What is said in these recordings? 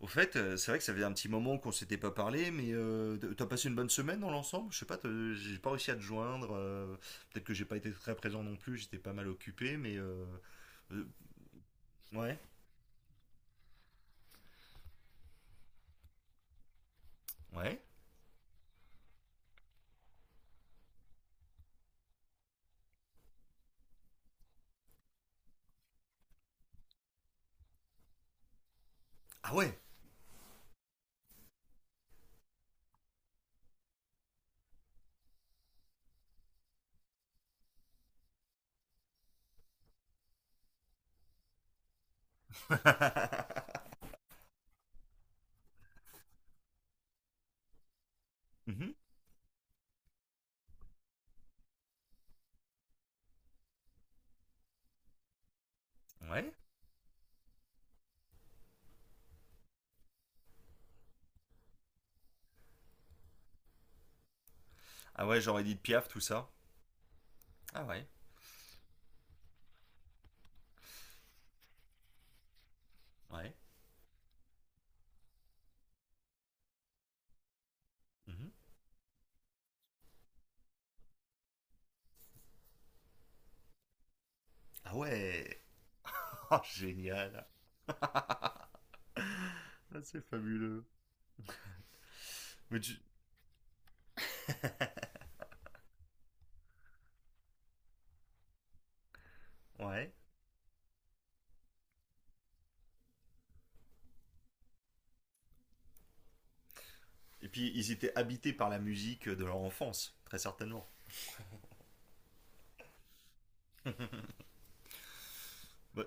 Au fait, c'est vrai que ça faisait un petit moment qu'on s'était pas parlé, mais t'as passé une bonne semaine dans l'ensemble? Je sais pas, j'ai pas réussi à te joindre. Peut-être que j'ai pas été très présent non plus, j'étais pas mal occupé, mais euh, ouais, ouais. Ah ouais. Mhm. Ouais. Ah ouais, j'aurais dit de Piaf tout ça. Ah ouais, ouais. Mhm. Ah ouais. Oh, génial. Ah, c'est fabuleux. Mais tu- Ouais. Et puis ils étaient habités par la musique de leur enfance, très certainement. Bah,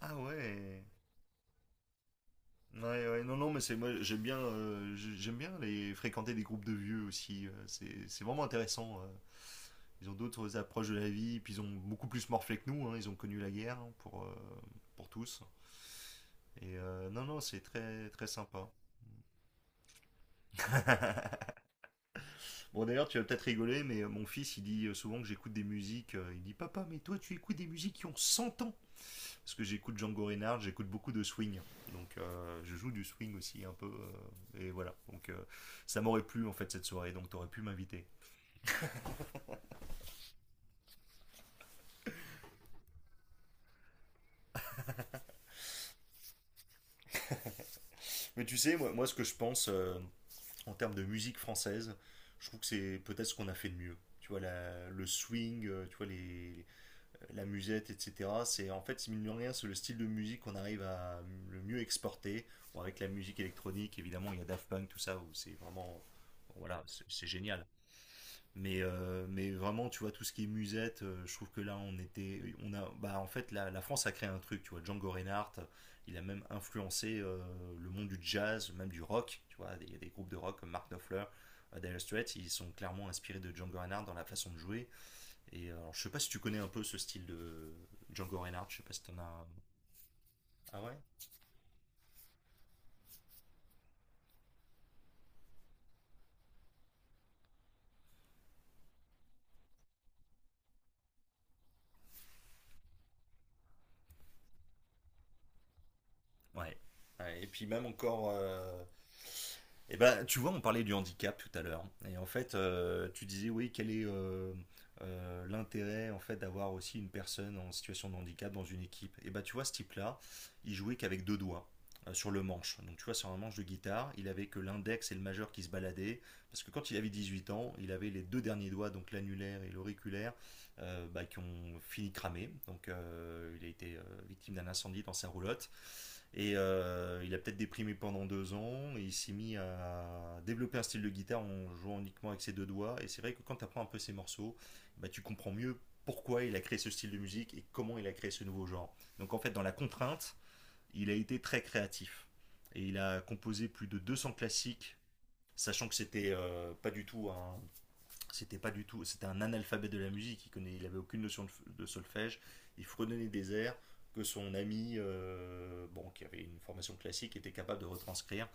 ah ouais. Ouais, ouais, non, non, mais c'est moi j'aime bien, j'aime bien les fréquenter des groupes de vieux aussi. C'est vraiment intéressant. Ils ont d'autres approches de la vie, puis ils ont beaucoup plus morflé que nous, hein, ils ont connu la guerre hein, pour tous. Et non, non, c'est très très sympa. Bon, d'ailleurs, tu vas peut-être rigoler, mais mon fils, il dit souvent que j'écoute des musiques. Euh, il dit, papa, mais toi, tu écoutes des musiques qui ont 100 ans. Parce que j'écoute Django Reinhardt, j'écoute beaucoup de swing. Donc je joue du swing aussi un peu. Et voilà. Donc ça m'aurait plu en fait cette soirée. Donc t'aurais pu m'inviter. Mais tu sais, moi ce que je pense, en termes de musique française, je trouve que c'est peut-être ce qu'on a fait de mieux. Tu vois, le swing, tu vois, la musette, etc. C'est en fait, mine de rien, c'est le style de musique qu'on arrive à le mieux exporter. Bon, avec la musique électronique, évidemment, il y a Daft Punk, tout ça, où c'est vraiment. Voilà, c'est génial. Mais vraiment, tu vois, tout ce qui est musette, je trouve que là, on était. On a, bah, en fait, la France a créé un truc, tu vois. Django Reinhardt, il a même influencé le monde du jazz, même du rock, tu vois. Il y a des groupes de rock comme Mark Knopfler, Dire Straits, ils sont clairement inspirés de Django Reinhardt dans la façon de jouer. Et alors, je sais pas si tu connais un peu ce style de Django Reinhardt, je sais pas si t'en as. Ah ouais. Ouais. Ouais, et puis même encore, euh. Et ben, tu vois, on parlait du handicap tout à l'heure. Et en fait, tu disais, oui, quel est l'intérêt en fait d'avoir aussi une personne en situation de handicap dans une équipe. Et ben, tu vois, ce type-là, il jouait qu'avec deux doigts sur le manche. Donc, tu vois, sur un manche de guitare, il avait que l'index et le majeur qui se baladaient. Parce que quand il avait 18 ans, il avait les deux derniers doigts, donc l'annulaire et l'auriculaire, bah, qui ont fini cramé. Donc il a été victime d'un incendie dans sa roulotte. Et il a peut-être déprimé pendant deux ans et il s'est mis à développer un style de guitare en jouant uniquement avec ses deux doigts. Et c'est vrai que quand tu apprends un peu ses morceaux, bah, tu comprends mieux pourquoi il a créé ce style de musique et comment il a créé ce nouveau genre. Donc en fait, dans la contrainte, il a été très créatif. Et il a composé plus de 200 classiques, sachant que c'était pas du tout un, c'était pas du tout, c'était un analphabète de la musique. Il avait aucune notion de solfège. Il fredonnait des airs que son ami, bon, qui avait une formation classique, était capable de retranscrire.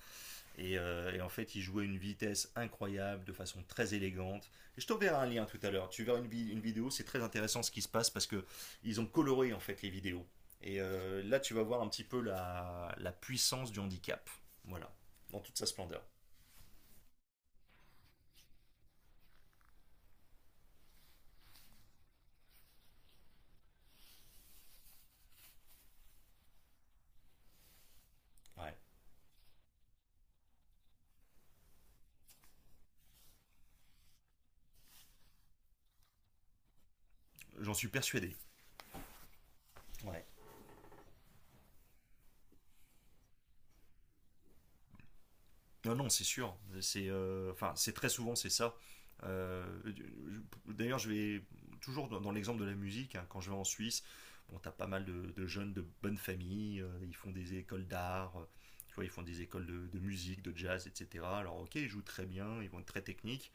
Et en fait, il jouait une vitesse incroyable, de façon très élégante. Et je t'enverrai un lien tout à l'heure. Tu verras une vidéo. C'est très intéressant ce qui se passe parce que ils ont coloré en fait les vidéos. Et là, tu vas voir un petit peu la puissance du handicap. Voilà, dans toute sa splendeur. Ouais. J'en suis persuadé. Ouais. Non, non, c'est sûr. C'est, enfin, c'est très souvent c'est ça. D'ailleurs, je vais toujours dans l'exemple de la musique, hein, quand je vais en Suisse, bon, t'as pas mal de jeunes de bonnes familles. Ils font des écoles d'art. Tu vois, ils font des écoles de musique, de jazz, etc. Alors, ok, ils jouent très bien, ils vont être très techniques,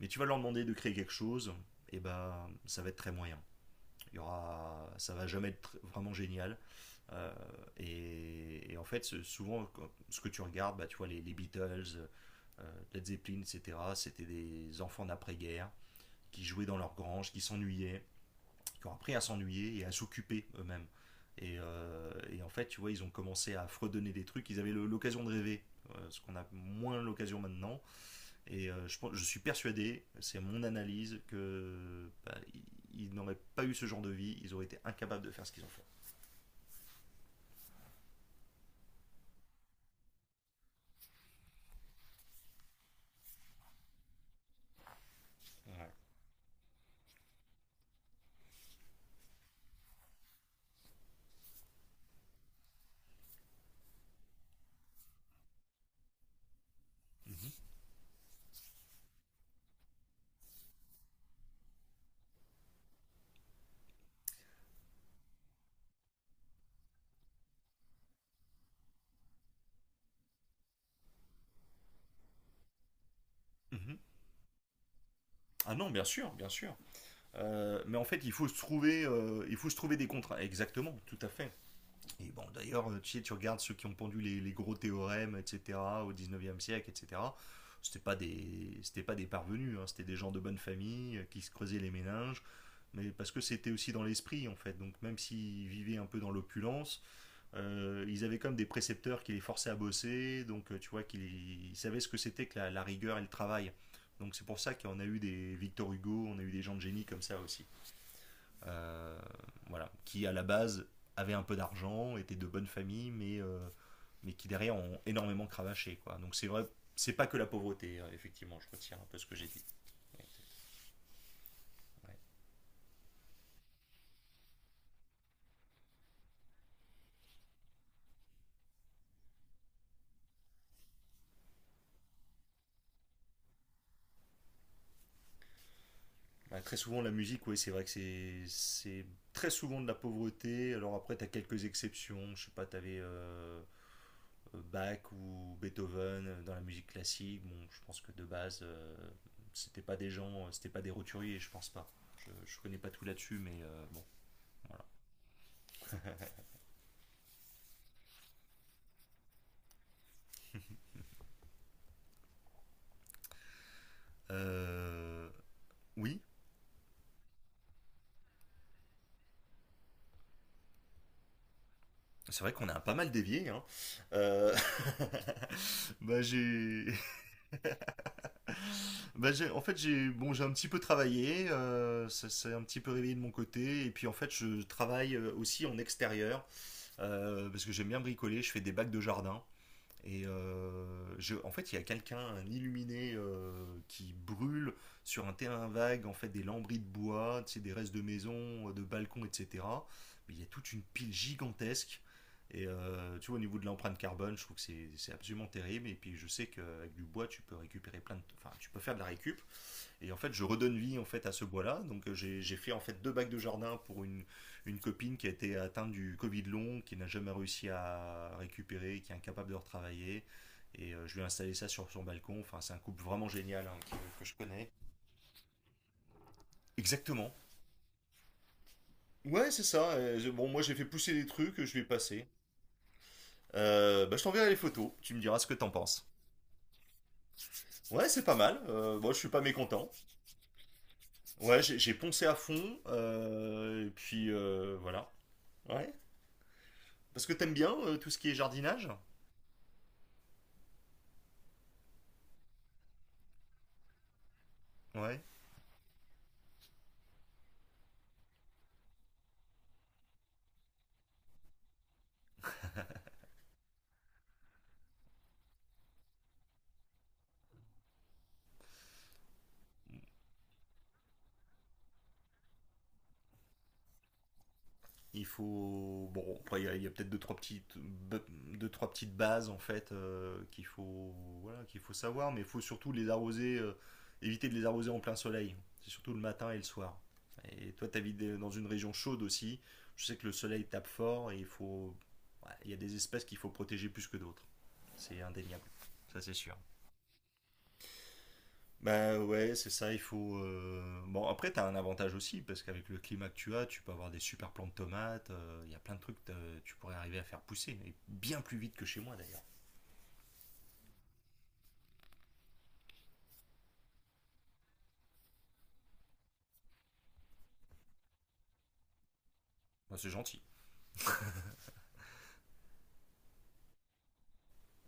mais tu vas leur demander de créer quelque chose, et ben, ça va être très moyen. Il y aura, ça va jamais être vraiment génial. Euh, En fait, souvent, ce que tu regardes, bah, tu vois, les Beatles, euh, Led Zeppelin, etc., c'était des enfants d'après-guerre qui jouaient dans leur grange, qui s'ennuyaient, qui ont appris à s'ennuyer et à s'occuper eux-mêmes. Et en fait, tu vois, ils ont commencé à fredonner des trucs, ils avaient l'occasion de rêver, ce qu'on a moins l'occasion maintenant. Et je suis persuadé, c'est mon analyse, que bah, ils n'auraient pas eu ce genre de vie, ils auraient été incapables de faire ce qu'ils ont fait. Mhm. Mhm. Ah non, bien sûr, bien sûr. Mais en fait, il faut se trouver des contrats. Exactement, tout à fait. Et bon, d'ailleurs, tu sais, tu regardes ceux qui ont pendu les gros théorèmes, etc., au 19e siècle, etc. C'était pas des parvenus, hein, c'était des gens de bonne famille qui se creusaient les méninges, mais parce que c'était aussi dans l'esprit, en fait. Donc, même s'ils vivaient un peu dans l'opulence, ils avaient comme des précepteurs qui les forçaient à bosser, donc tu vois qu'ils ils savaient ce que c'était que la rigueur et le travail. Donc c'est pour ça qu'on a eu des Victor Hugo, on a eu des gens de génie comme ça aussi. Euh, voilà, qui à la base avaient un peu d'argent, étaient de bonnes familles, mais qui derrière ont énormément cravaché. Quoi. Donc c'est vrai, c'est pas que la pauvreté, effectivement, je retire un peu ce que j'ai dit. Ouais, ouais. Ouais, très souvent la musique, oui, c'est vrai que c'est très souvent de la pauvreté. Alors après, t'as quelques exceptions, je sais pas, t'avais. Bach ou Beethoven dans la musique classique, bon, je pense que de base, c'était pas des roturiers, je pense pas. Je connais pas tout là-dessus, mais bon. Euh, oui, c'est vrai qu'on a pas mal dévié, hein. Euh, bah j'ai, bah j'ai, en fait j'ai, bon j'ai un petit peu travaillé, ça s'est un petit peu réveillé de mon côté, et puis en fait je travaille aussi en extérieur parce que j'aime bien bricoler. Je fais des bacs de jardin. Et en fait, il y a quelqu'un, un illuminé, qui brûle sur un terrain vague, en fait, des lambris de bois, tu sais, des restes de maisons, de balcons, etc. Mais il y a toute une pile gigantesque. Et tu vois, au niveau de l'empreinte carbone, je trouve que c'est absolument terrible. Et puis, je sais qu'avec du bois, tu peux récupérer plein de. Enfin, tu peux faire de la récup. Et en fait, je redonne vie en fait à ce bois-là. Donc, j'ai fait en fait deux bacs de jardin pour une copine qui a été atteinte du Covid long, qui n'a jamais réussi à récupérer, qui est incapable de retravailler. Et je lui ai installé ça sur son balcon. Enfin, c'est un couple vraiment génial hein, que je connais. Exactement. Ouais, c'est ça. Bon, moi, j'ai fait pousser des trucs, je vais passer. Bah, je t'enverrai les photos. Tu me diras ce que t'en penses. Ouais, c'est pas mal. Moi, je suis pas mécontent. Ouais, j'ai poncé à fond. Et puis, voilà. Ouais. Parce que t'aimes bien tout ce qui est jardinage. Ouais. Il faut. Bon, après, il y a peut-être deux, trois petites bases, en fait, qu'il faut... Voilà, qu'il faut savoir, mais il faut surtout les arroser, éviter de les arroser en plein soleil. C'est surtout le matin et le soir. Et toi, t'habites dans une région chaude aussi. Je sais que le soleil tape fort et il faut. Ouais, il y a des espèces qu'il faut protéger plus que d'autres. C'est indéniable. Ça, c'est sûr. Bah ouais, c'est ça, il faut... Bon, après, t'as un avantage aussi, parce qu'avec le climat que tu as, tu peux avoir des super plants de tomates, il y a plein de trucs que tu pourrais arriver à faire pousser, et bien plus vite que chez moi d'ailleurs. Bah, c'est gentil.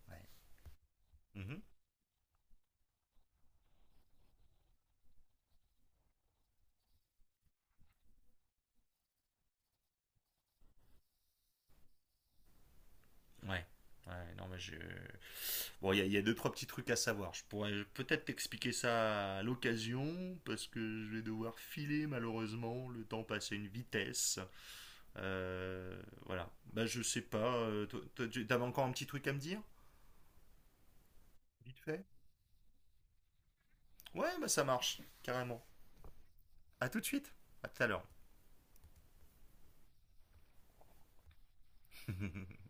Ouais. Mhm. Ouais. Ouais, non, mais je. Bon, il y a deux, trois petits trucs à savoir. Je pourrais peut-être t'expliquer ça à l'occasion, parce que je vais devoir filer malheureusement, le temps passe à une vitesse. Euh, voilà. Bah je sais pas, toi, t'avais encore un petit truc à me dire? Vite fait. Ouais, bah ça marche, carrément. À tout de suite, à tout à l'heure.